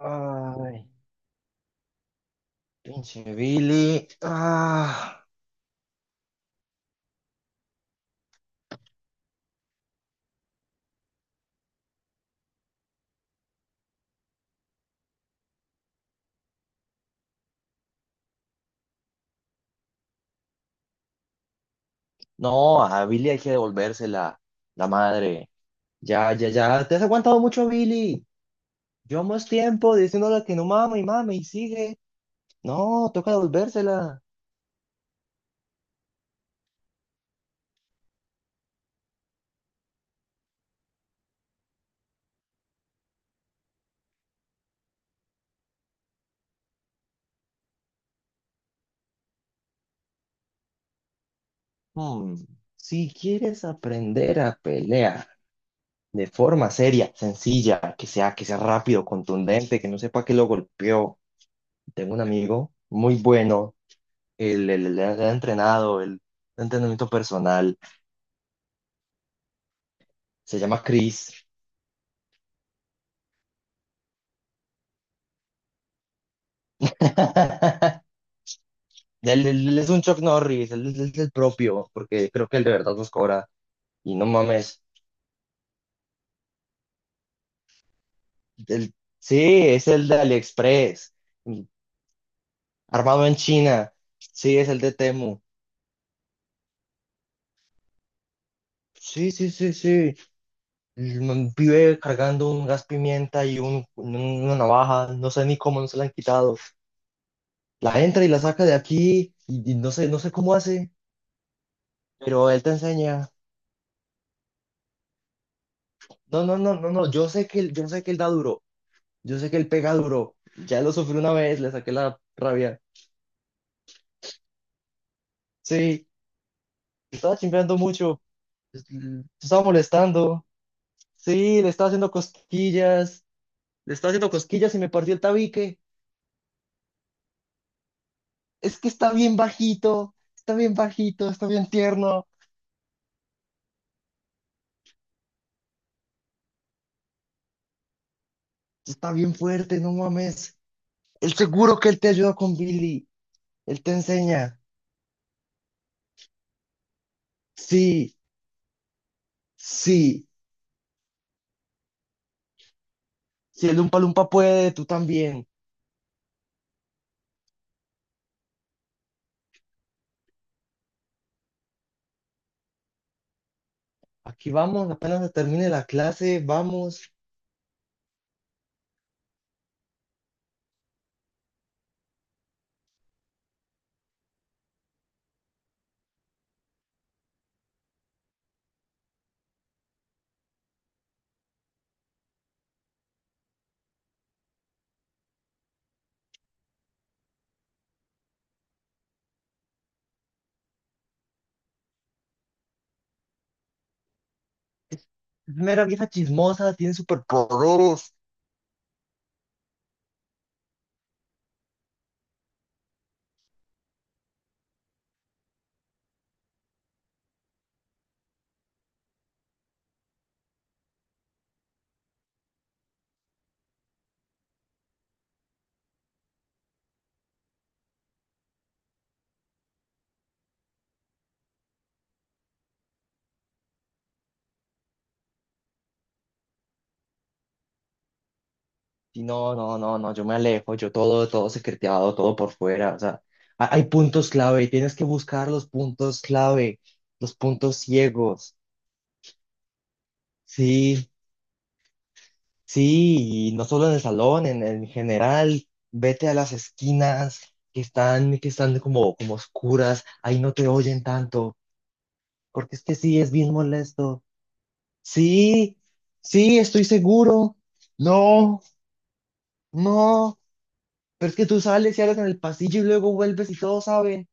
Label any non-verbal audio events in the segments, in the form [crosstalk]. Ay, pinche Billy. Ah, no, a Billy hay que devolvérsela, la madre. Ya, ya, ya. Te has aguantado mucho, Billy. Llevamos tiempo diciéndole que no mame y mame y sigue. No, toca devolvérsela. Hmm, si quieres aprender a pelear de forma seria, sencilla, que sea rápido, contundente, que no sepa que lo golpeó. Tengo un amigo muy bueno. Él, él ha entrenado el entrenamiento personal. Se llama Chris. [laughs] Él, él es un Chuck Norris, él es el propio, porque creo que él de verdad nos cobra. Y no mames. él- sí, es el de AliExpress, mm, armado en China. Sí, es el de Temu. Sí, sí, sí, sí. El man vive cargando un gas pimienta y un, una navaja, no sé ni cómo no se la han quitado. La entra y la saca de aquí y no sé, no sé cómo hace, pero él te enseña. No, no, no, no, no, yo sé que él, yo sé que él da duro. Yo sé que él pega duro. Ya lo sufrí una vez, le saqué la rabia. Sí, le estaba chimpeando mucho. Te estaba molestando. Sí, le estaba haciendo cosquillas. Le estaba haciendo cosquillas y me partió el tabique. Es que está bien bajito. Está bien bajito, está bien tierno. Está bien fuerte, no mames. El seguro que él te ayuda con Billy. Él te enseña. Sí, sí. Si el Umpa Lumpa puede, tú también. Aquí vamos, apenas se termine la clase, vamos. Es mera vieja chismosa, tiene superpoderes. Y no, no, no, no, yo me alejo, yo todo, todo secreteado, todo por fuera. O sea, hay puntos clave, tienes que buscar los puntos clave, los puntos ciegos. Sí, sí, y no solo en el salón, en general, vete a las esquinas que están como, como oscuras, ahí no te oyen tanto, porque es que sí, es bien molesto. Sí, sí, estoy seguro. No. No, pero es que tú sales y hablas en el pasillo y luego vuelves y todos saben.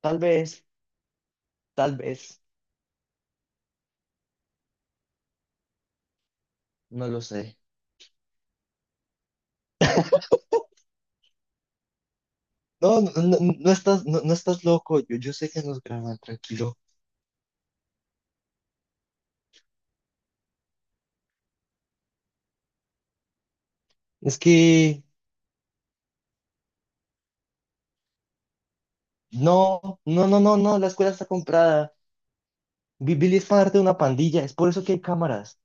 Tal vez, tal vez, no lo sé. No, no, no, no estás, no, no estás loco. Yo sé que nos graban, tranquilo. Es que no, no, no, no, no, la escuela está comprada. Billy es parte de una pandilla, es por eso que hay cámaras.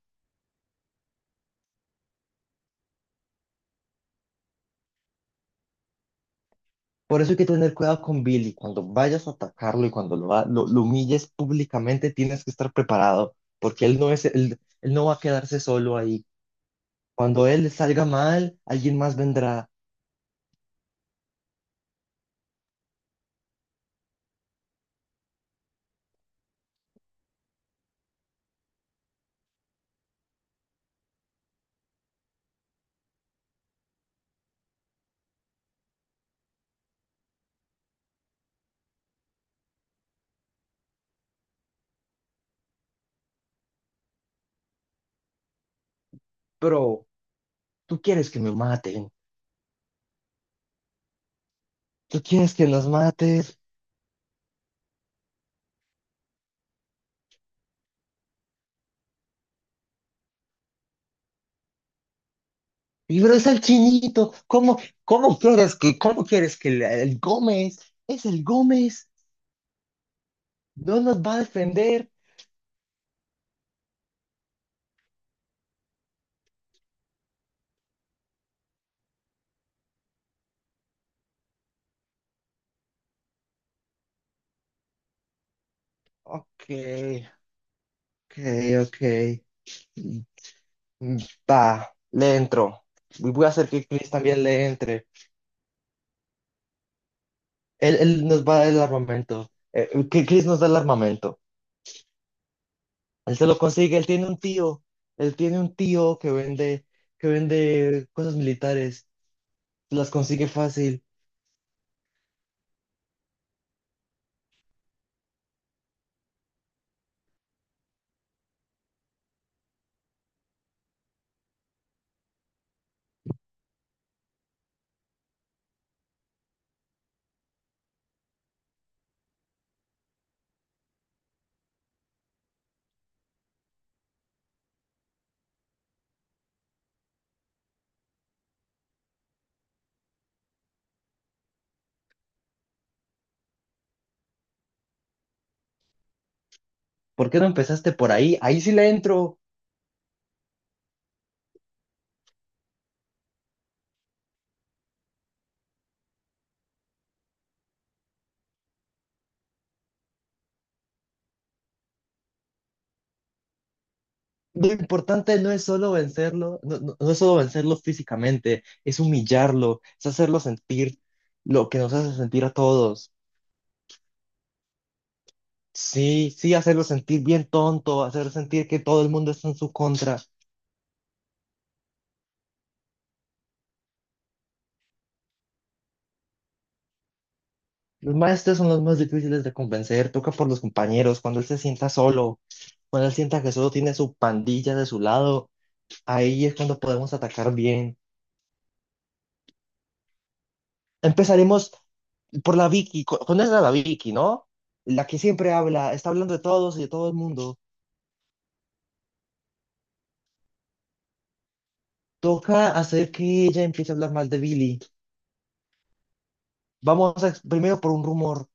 Por eso hay que tener cuidado con Billy. Cuando vayas a atacarlo y cuando lo, lo humilles públicamente, tienes que estar preparado, porque él no es, él no va a quedarse solo ahí. Cuando él salga mal, alguien más vendrá. Pero tú quieres que me maten, tú quieres que los mates. Y pero es el chinito, ¿cómo, cómo quieres que el Gómez, es el Gómez, no nos va a defender? Ok, ok, ok. Mm, mm, va, le entro. Y voy a hacer que Chris también le entre. Él nos va a dar el armamento. Que Chris nos da el armamento. Él se lo consigue, él tiene un tío. Él tiene un tío que vende cosas militares. Las consigue fácil. ¿Por qué no empezaste por ahí? Ahí sí le entro. Lo importante no es solo vencerlo, no, no es solo vencerlo físicamente, es humillarlo, es hacerlo sentir lo que nos hace sentir a todos. Sí, sí, hacerlo sentir bien tonto, hacer sentir que todo el mundo está en su contra. Los maestros son los más difíciles de convencer, toca por los compañeros, cuando él se sienta solo, cuando él sienta que solo tiene su pandilla de su lado, ahí es cuando podemos atacar bien. Empezaremos por la Vicky, ¿conoces a la Vicky, ¿no? La que siempre habla, está hablando de todos y de todo el mundo. Toca hacer que ella empiece a hablar mal de Billy. Vamos a, primero por un rumor.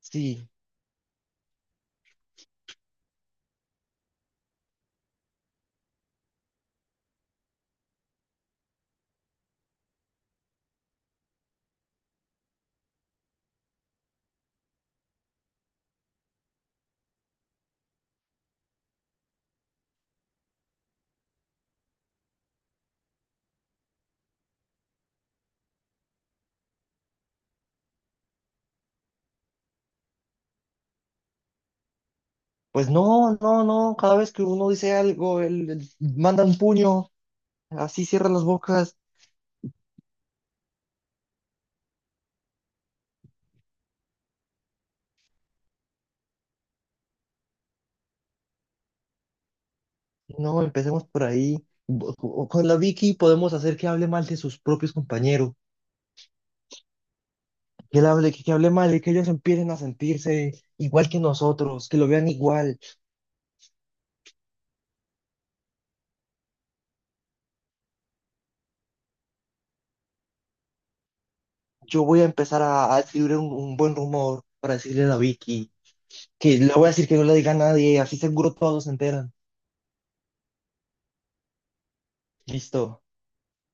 Sí. Pues no, no, no. Cada vez que uno dice algo, él manda un puño. Así cierra las bocas. No, empecemos por ahí. Con la Vicky podemos hacer que hable mal de sus propios compañeros. Que él hable, que hable mal y que ellos empiecen a sentirse igual que nosotros, que lo vean igual. Yo voy a empezar a escribir un buen rumor para decirle a la Vicky, que le voy a decir que no le diga a nadie, así seguro todos se enteran. Listo.